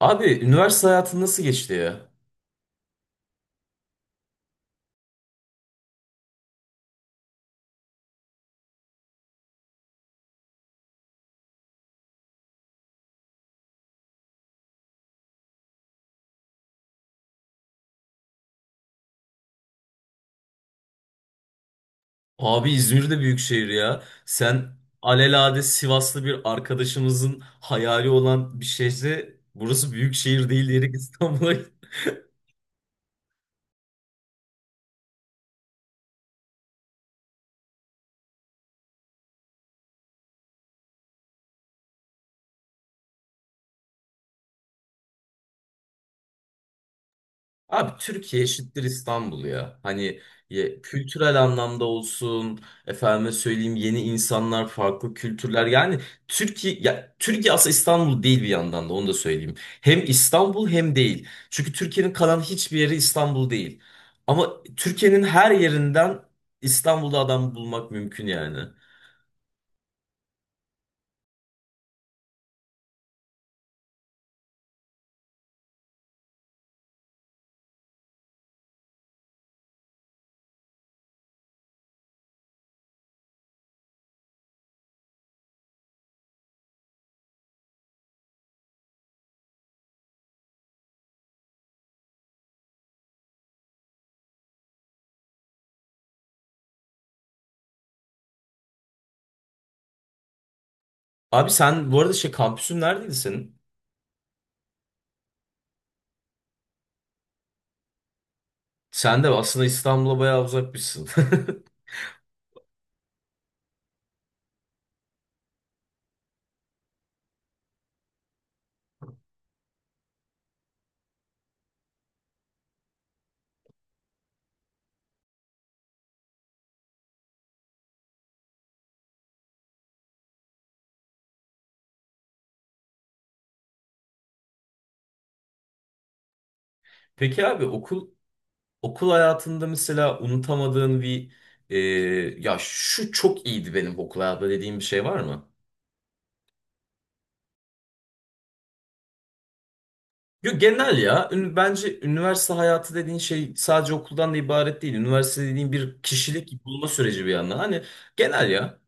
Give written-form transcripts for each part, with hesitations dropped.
Abi üniversite hayatın nasıl geçti ya? Abi İzmir de büyük şehir ya. Sen alelade Sivaslı bir arkadaşımızın hayali olan bir şehri burası büyük şehir değil diyerek İstanbul'a. Abi Türkiye eşittir İstanbul ya. Hani kültürel anlamda olsun, efendime söyleyeyim yeni insanlar, farklı kültürler. Yani Türkiye, ya Türkiye aslında İstanbul değil bir yandan da, onu da söyleyeyim. Hem İstanbul hem değil. Çünkü Türkiye'nin kalan hiçbir yeri İstanbul değil. Ama Türkiye'nin her yerinden İstanbul'da adam bulmak mümkün yani. Abi sen bu arada şey, kampüsün neredeydi senin? Sen de aslında İstanbul'a bayağı uzakmışsın. Peki abi okul okul hayatında mesela unutamadığın bir, e, ya şu çok iyiydi benim okul hayatımda dediğin bir şey var mı? Yok, genel ya. Bence üniversite hayatı dediğin şey sadece okuldan da ibaret değil. Üniversite dediğin bir kişilik bulma süreci bir yandan. Hani genel ya.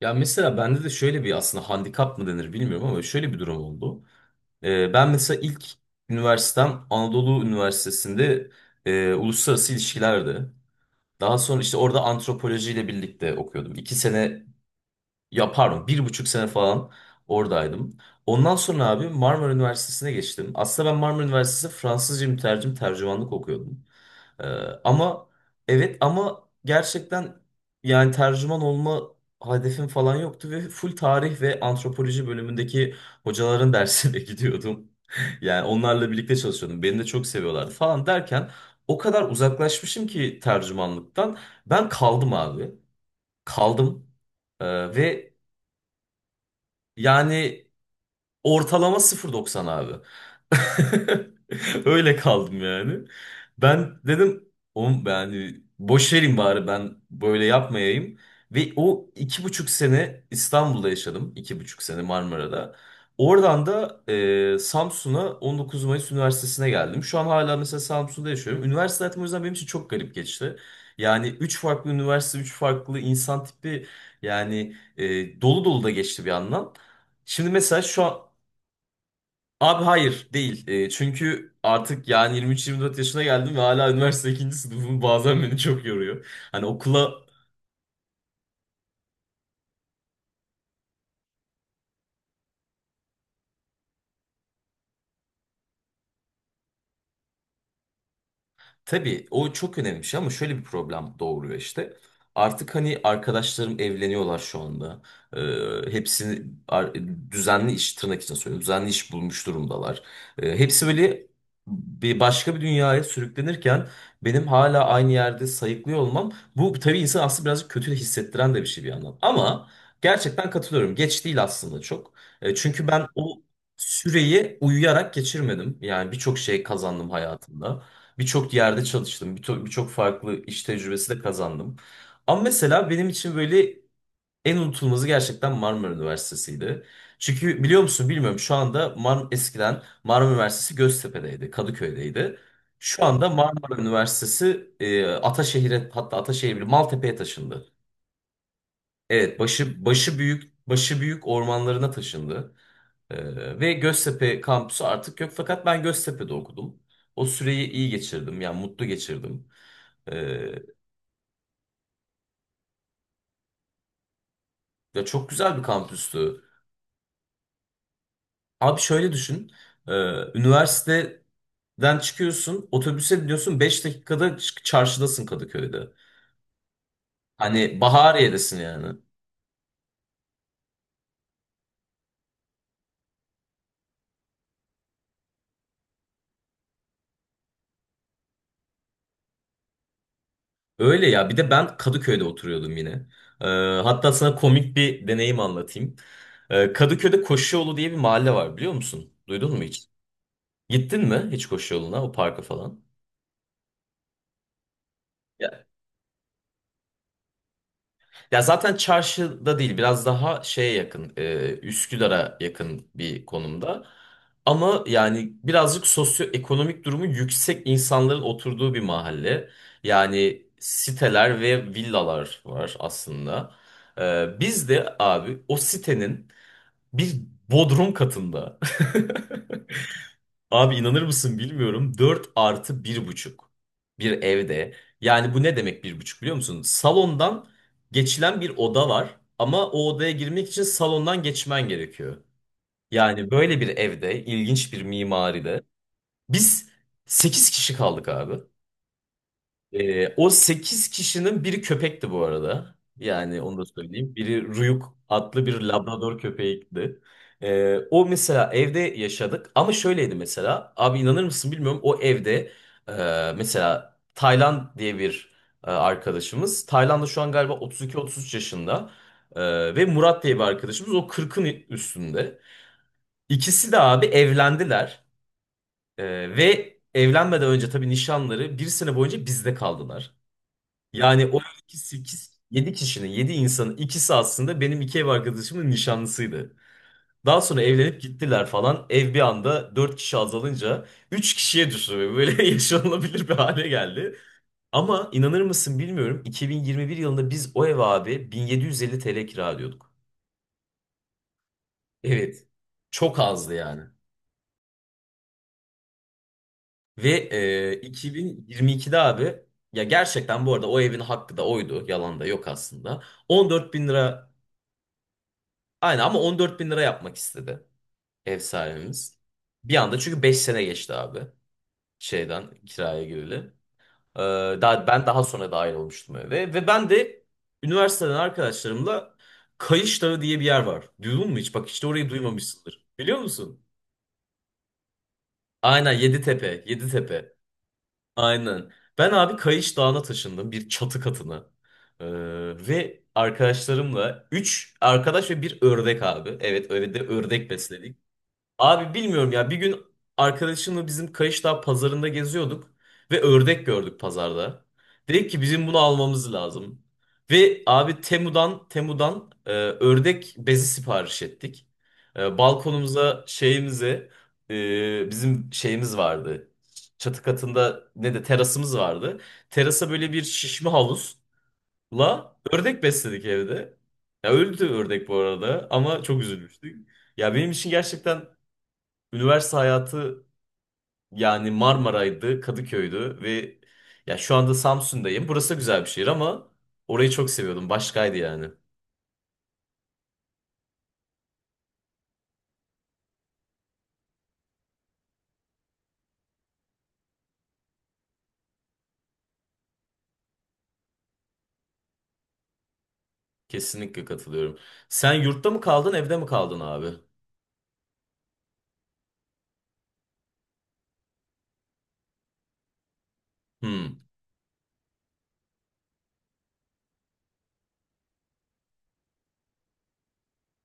Ya mesela bende de şöyle bir, aslında handikap mı denir bilmiyorum ama şöyle bir durum oldu. Ben mesela ilk üniversitem Anadolu Üniversitesi'nde uluslararası ilişkilerdi. Daha sonra işte orada antropolojiyle birlikte okuyordum. İki sene, ya pardon, bir buçuk sene falan oradaydım. Ondan sonra abi Marmara Üniversitesi'ne geçtim. Aslında ben Marmara Üniversitesi Fransızca mütercim tercümanlık okuyordum. Ee, ama evet, ama gerçekten yani tercüman olma hedefim falan yoktu ve full tarih ve antropoloji bölümündeki hocaların dersine gidiyordum. Yani onlarla birlikte çalışıyordum. Beni de çok seviyorlardı falan derken, o kadar uzaklaşmışım ki tercümanlıktan. Ben kaldım abi. Kaldım. Ee, ve yani ortalama sıfır doksan abi. Öyle kaldım yani. Ben dedim oğlum yani boş verin, bari ben böyle yapmayayım. Ve o iki buçuk sene İstanbul'da yaşadım, iki buçuk sene Marmara'da. Oradan da Samsun'a 19 Mayıs Üniversitesi'ne geldim. Şu an hala mesela Samsun'da yaşıyorum. Üniversite hayatım o yüzden benim için çok garip geçti. Yani üç farklı üniversite, üç farklı insan tipi yani, dolu dolu da geçti bir yandan. Şimdi mesela şu an. Abi hayır değil. Çünkü artık yani 23-24 yaşına geldim ve hala üniversite ikinci sınıfım bazen beni çok yoruyor. Hani okula, tabii o çok önemli bir şey ama şöyle bir problem doğuruyor işte. Artık hani arkadaşlarım evleniyorlar şu anda. Ee, hepsini ar- düzenli iş, tırnak için söylüyorum, düzenli iş bulmuş durumdalar. Hepsi böyle bir başka bir dünyaya sürüklenirken, benim hala aynı yerde sayıklıyor olmam, bu tabii insan aslında birazcık kötü hissettiren de bir şey bir yandan. Ama gerçekten katılıyorum. Geç değil aslında çok. Çünkü ben o süreyi uyuyarak geçirmedim. Yani birçok şey kazandım hayatımda. Birçok yerde çalıştım. Birçok farklı iş tecrübesi de kazandım. Ama mesela benim için böyle en unutulmazı gerçekten Marmara Üniversitesi'ydi. Çünkü biliyor musun bilmiyorum, şu anda eskiden Marmara Üniversitesi Göztepe'deydi, Kadıköy'deydi. Şu, Evet, anda Marmara Üniversitesi Ataşehir'e, hatta Ataşehir bile, Maltepe'ye taşındı. Evet, başı başı büyük başı büyük ormanlarına taşındı. Ve Göztepe kampüsü artık yok, fakat ben Göztepe'de okudum. O süreyi iyi geçirdim, yani mutlu geçirdim. Ee, ya çok güzel bir kampüstü. Abi şöyle düşün. Ee, üniversiteden çıkıyorsun, otobüse biniyorsun, 5 dakikada çarşıdasın Kadıköy'de. Hani Bahariye'desin yani. Öyle ya, bir de ben Kadıköy'de oturuyordum yine. Ee, hatta sana komik bir deneyim anlatayım. Kadıköy'de Koşuyolu diye bir mahalle var, biliyor musun? Duydun mu hiç? Gittin mi hiç koşu yoluna, o parka falan? Ya, ya zaten çarşıda değil, biraz daha şeye yakın, Üsküdar'a yakın bir konumda. Ama yani birazcık sosyoekonomik durumu yüksek insanların oturduğu bir mahalle. Yani siteler ve villalar var aslında. Biz de abi o sitenin bir bodrum katında. Abi inanır mısın bilmiyorum, 4 artı bir buçuk bir evde. Yani bu ne demek bir buçuk biliyor musun? Salondan geçilen bir oda var, ama o odaya girmek için salondan geçmen gerekiyor. Yani böyle bir evde, ilginç bir mimaride, biz 8 kişi kaldık abi. O 8 kişinin biri köpekti bu arada. Yani onu da söyleyeyim. Biri Ruyuk adlı bir Labrador köpeğiydi. O mesela evde yaşadık, ama şöyleydi mesela. Abi inanır mısın bilmiyorum, o evde mesela Taylan diye bir arkadaşımız. Taylan da şu an galiba 32-33 yaşında. Ve Murat diye bir arkadaşımız, o 40'ın üstünde. İkisi de abi evlendiler. Ve evlenmeden önce tabii nişanları bir sene boyunca bizde kaldılar. Yani o iki, sekiz, yedi kişinin, yedi insanın ikisi aslında benim iki ev arkadaşımın nişanlısıydı. Daha sonra evlenip gittiler falan. Ev bir anda dört kişi azalınca üç kişiye düştü. Ve böyle yaşanılabilir bir hale geldi. Ama inanır mısın bilmiyorum, 2021 yılında biz o ev abi 1750 TL kira ödüyorduk. Evet. Çok azdı yani. Ve 2022'de abi, ya gerçekten bu arada o evin hakkı da oydu, yalan da yok aslında. 14 bin lira. Aynen, ama 14 bin lira yapmak istedi ev sahibimiz. Bir anda, çünkü 5 sene geçti abi şeyden kiraya gireli. Ee, ben daha sonra dahil olmuştum eve, ve ben de üniversiteden arkadaşlarımla Kayış Dağı diye bir yer var. Duydun mu hiç? Bak işte orayı duymamışsındır. Biliyor musun? Aynen, Yeditepe, Yeditepe. Aynen. Ben abi Kayış Dağı'na taşındım, bir çatı katına. Ee, ve arkadaşlarımla, 3 arkadaş ve bir ördek abi. Evet, öyle de ördek besledik. Abi bilmiyorum ya, bir gün arkadaşımla bizim Kayışdağ pazarında geziyorduk ve ördek gördük pazarda. Dedik ki bizim bunu almamız lazım. Ve abi Temu'dan ördek bezi sipariş ettik. Balkonumuza, şeyimize, bizim şeyimiz vardı. Çatı katında ne de terasımız vardı. Terasa böyle bir şişme havuzla ördek besledik evde. Ya öldü ördek bu arada, ama çok üzülmüştük. Ya benim için gerçekten üniversite hayatı yani Marmara'ydı, Kadıköy'dü ve ya şu anda Samsun'dayım. Burası da güzel bir şehir, ama orayı çok seviyordum. Başkaydı yani. Kesinlikle katılıyorum. Sen yurtta mı kaldın, evde mi kaldın abi? Hmm,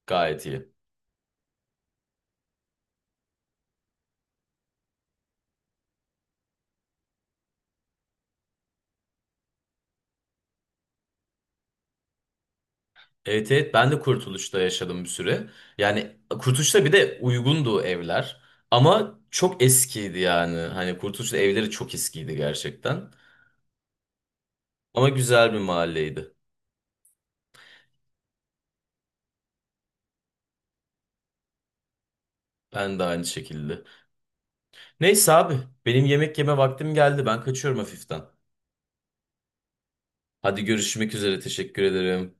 gayet iyi. Evet, evet, ben de Kurtuluş'ta yaşadım bir süre. Yani Kurtuluş'ta bir de uygundu evler. Ama çok eskiydi yani. Hani Kurtuluş'ta evleri çok eskiydi gerçekten. Ama güzel bir mahalleydi. Ben de aynı şekilde. Neyse abi, benim yemek yeme vaktim geldi. Ben kaçıyorum hafiften. Hadi görüşmek üzere. Teşekkür ederim.